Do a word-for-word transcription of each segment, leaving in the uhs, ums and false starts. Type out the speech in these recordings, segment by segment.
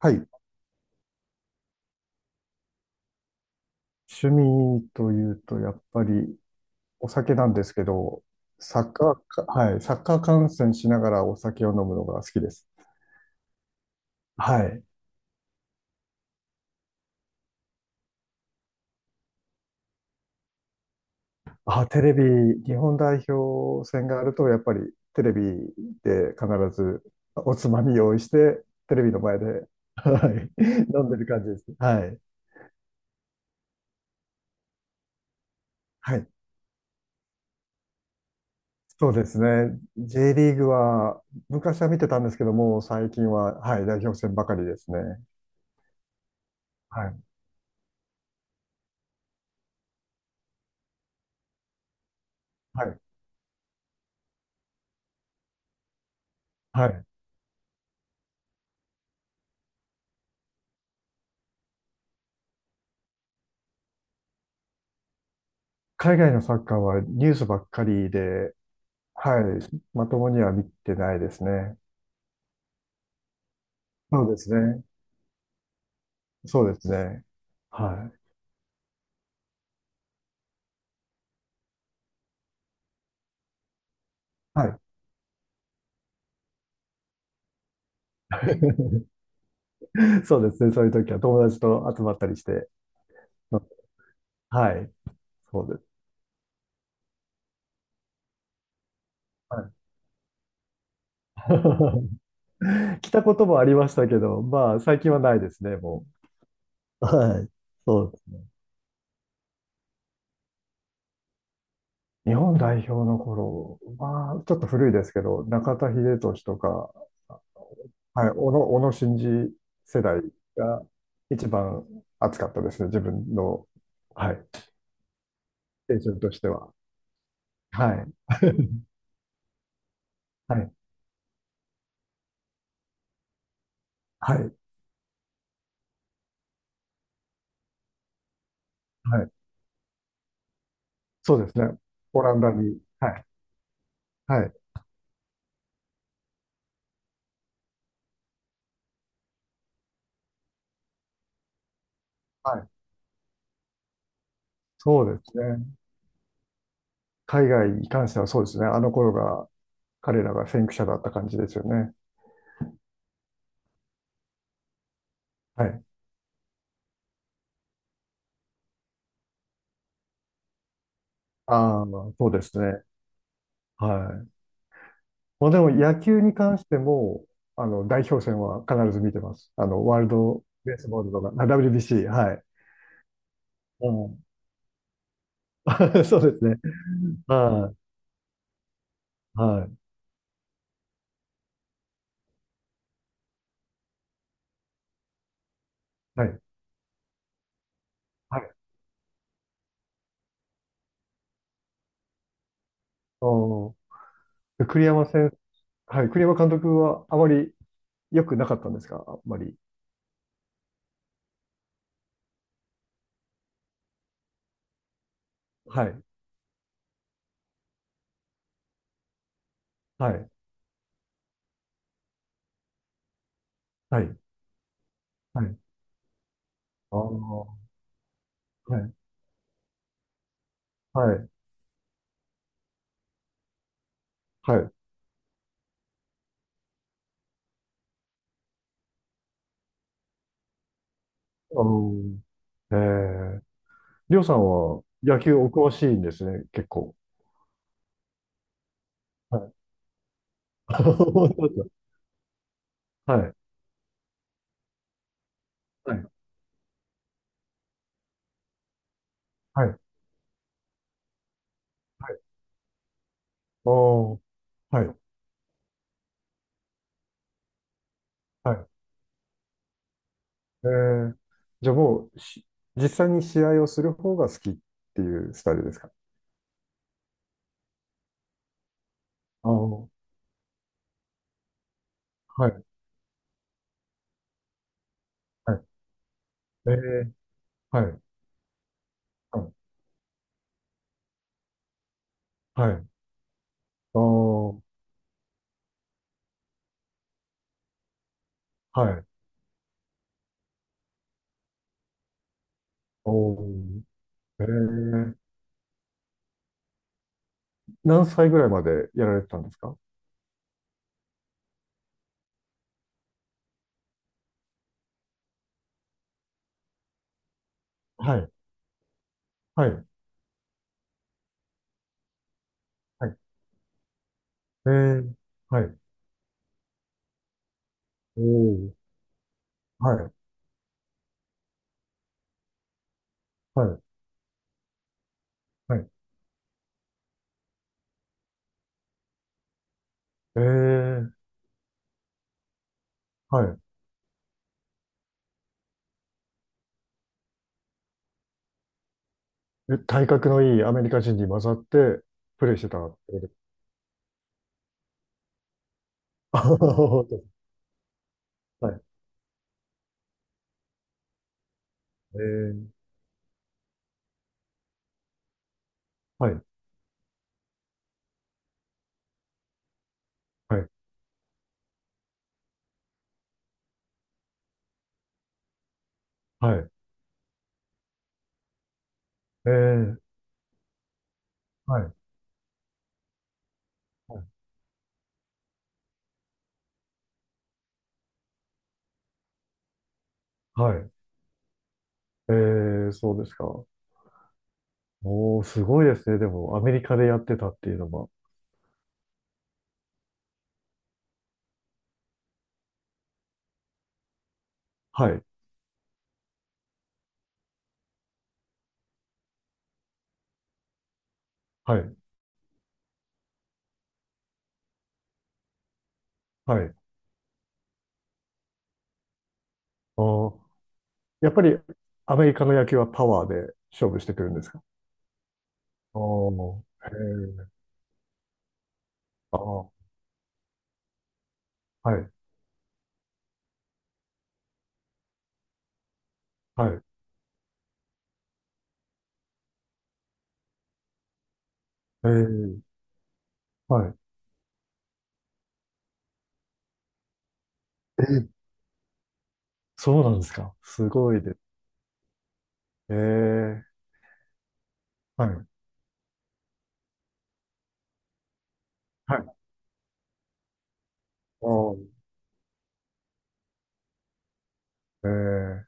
はい。趣味というと、やっぱりお酒なんですけど、サッカーか、はい。サッカー観戦しながらお酒を飲むのが好きです。はい。あ、テレビ、日本代表戦があると、やっぱりテレビで必ずおつまみ用意して、テレビの前で、はい。飲んでる感じです。はい。はい。そうですね。J リーグは、昔は見てたんですけども、最近は、はい、代表戦ばかりですね。はい。はい。はい。海外のサッカーはニュースばっかりで、はい、まともには見てないですね。そうですね。そうですね。はい。はい。そうですね。そういう時は友達と集まったりして。はい。そうです。はい。来たこともありましたけど、まあ、最近はないですね、もう。はい。そう。日本代表の頃まあちょっと古いですけど、中田英寿とか、はい、小野、小野伸二世代が一番熱かったですね、自分の、はい、青春としては。はい。はい。はい。はい。そうですね。オランダに。はい。はい。はい。そうですね。海外に関してはそうですね。あの頃が、彼らが先駆者だった感じですよね。はい。ああ、そうですね。はい。まあ、でも野球に関しても、あの、代表戦は必ず見てます。あの、ワールドベースボールとか、あ ダブリュービーシー、はい。うん そうですね。はい。はい。はい。はい。おー栗山先はい。栗山監督はあまり良くなかったんですかあんまり。はい。はい。はい。はい。ああ。はい。はい。はい。あーえー、りょうさんは野球お詳しいんですね、結構。はい。本当ですかはい。はい。はい。はい。おー。はい。はい。えー、じゃあもうし、実際に試合をする方が好きっていうスタイルですかああー。はい。はい。ええ、はい、はい、はい。あはい。おー、ええ、何歳ぐらいまでやられてたんですかはい、はい、はい。ええ、はい。おー、はい、はい、はい。ええ、はい。え体格のいいアメリカ人に混ざってプレイしてたってことですあ ははははい。ええ、はい、はい、はい。ええ、はい、はい。えー、そうですか。おー、すごいですね。でも、アメリカでやってたっていうのは。はい。はい。はい。あーやっぱりアメリカの野球はパワーで勝負してくるんですかあーへえあー、はい。はい。えー、はい。えー、そうなんですか。すごいです。えー、はい。はい。あーえー、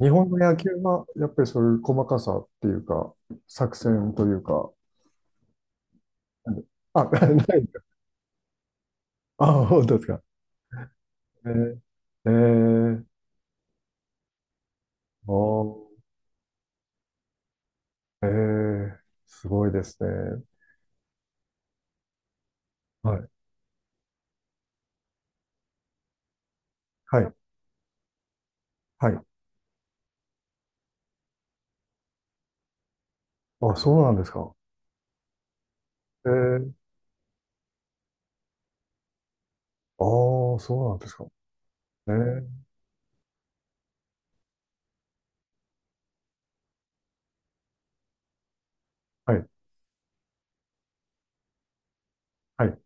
日本の野球は、やっぱりそういう細かさっていうか、作戦というか、あ、ないですか。あー、本当ですか。えー、えー、あー、えー、すごいですね。はい。はい。はい。あ、そうなんですか。えー、ああ、そうなんですか。えー、はい、はい、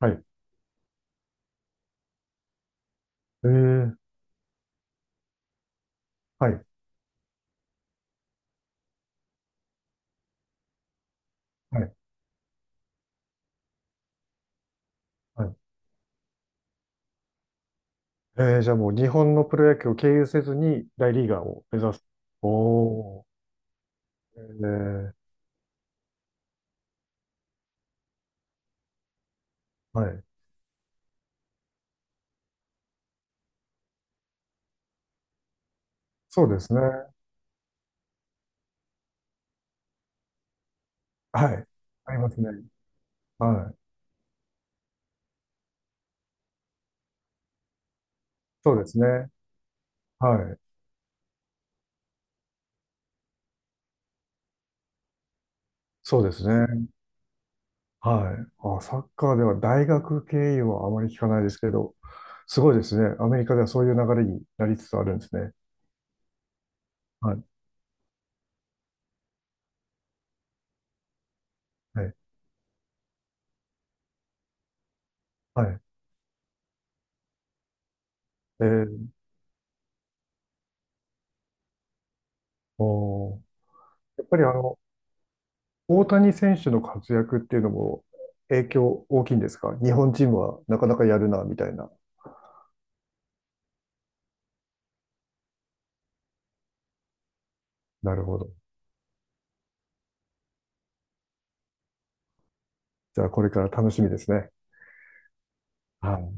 はい。えー、はい、はい、はい。えー、じゃあもう日本のプロ野球を経由せずに大リーガーを目指す。おー、えー、はい。そうですね。はい。ありますね。はい。そうですね。はい。そうですね。はい。あ、サッカーでは大学経由はあまり聞かないですけど、すごいですね。アメリカではそういう流れになりつつあるんですね。はい。はい。はい。えー、おーやっぱりあの、大谷選手の活躍っていうのも影響大きいんですか日本チームはなかなかやるな、みたいな。なるほど。じゃあこれから楽しみですね。はい。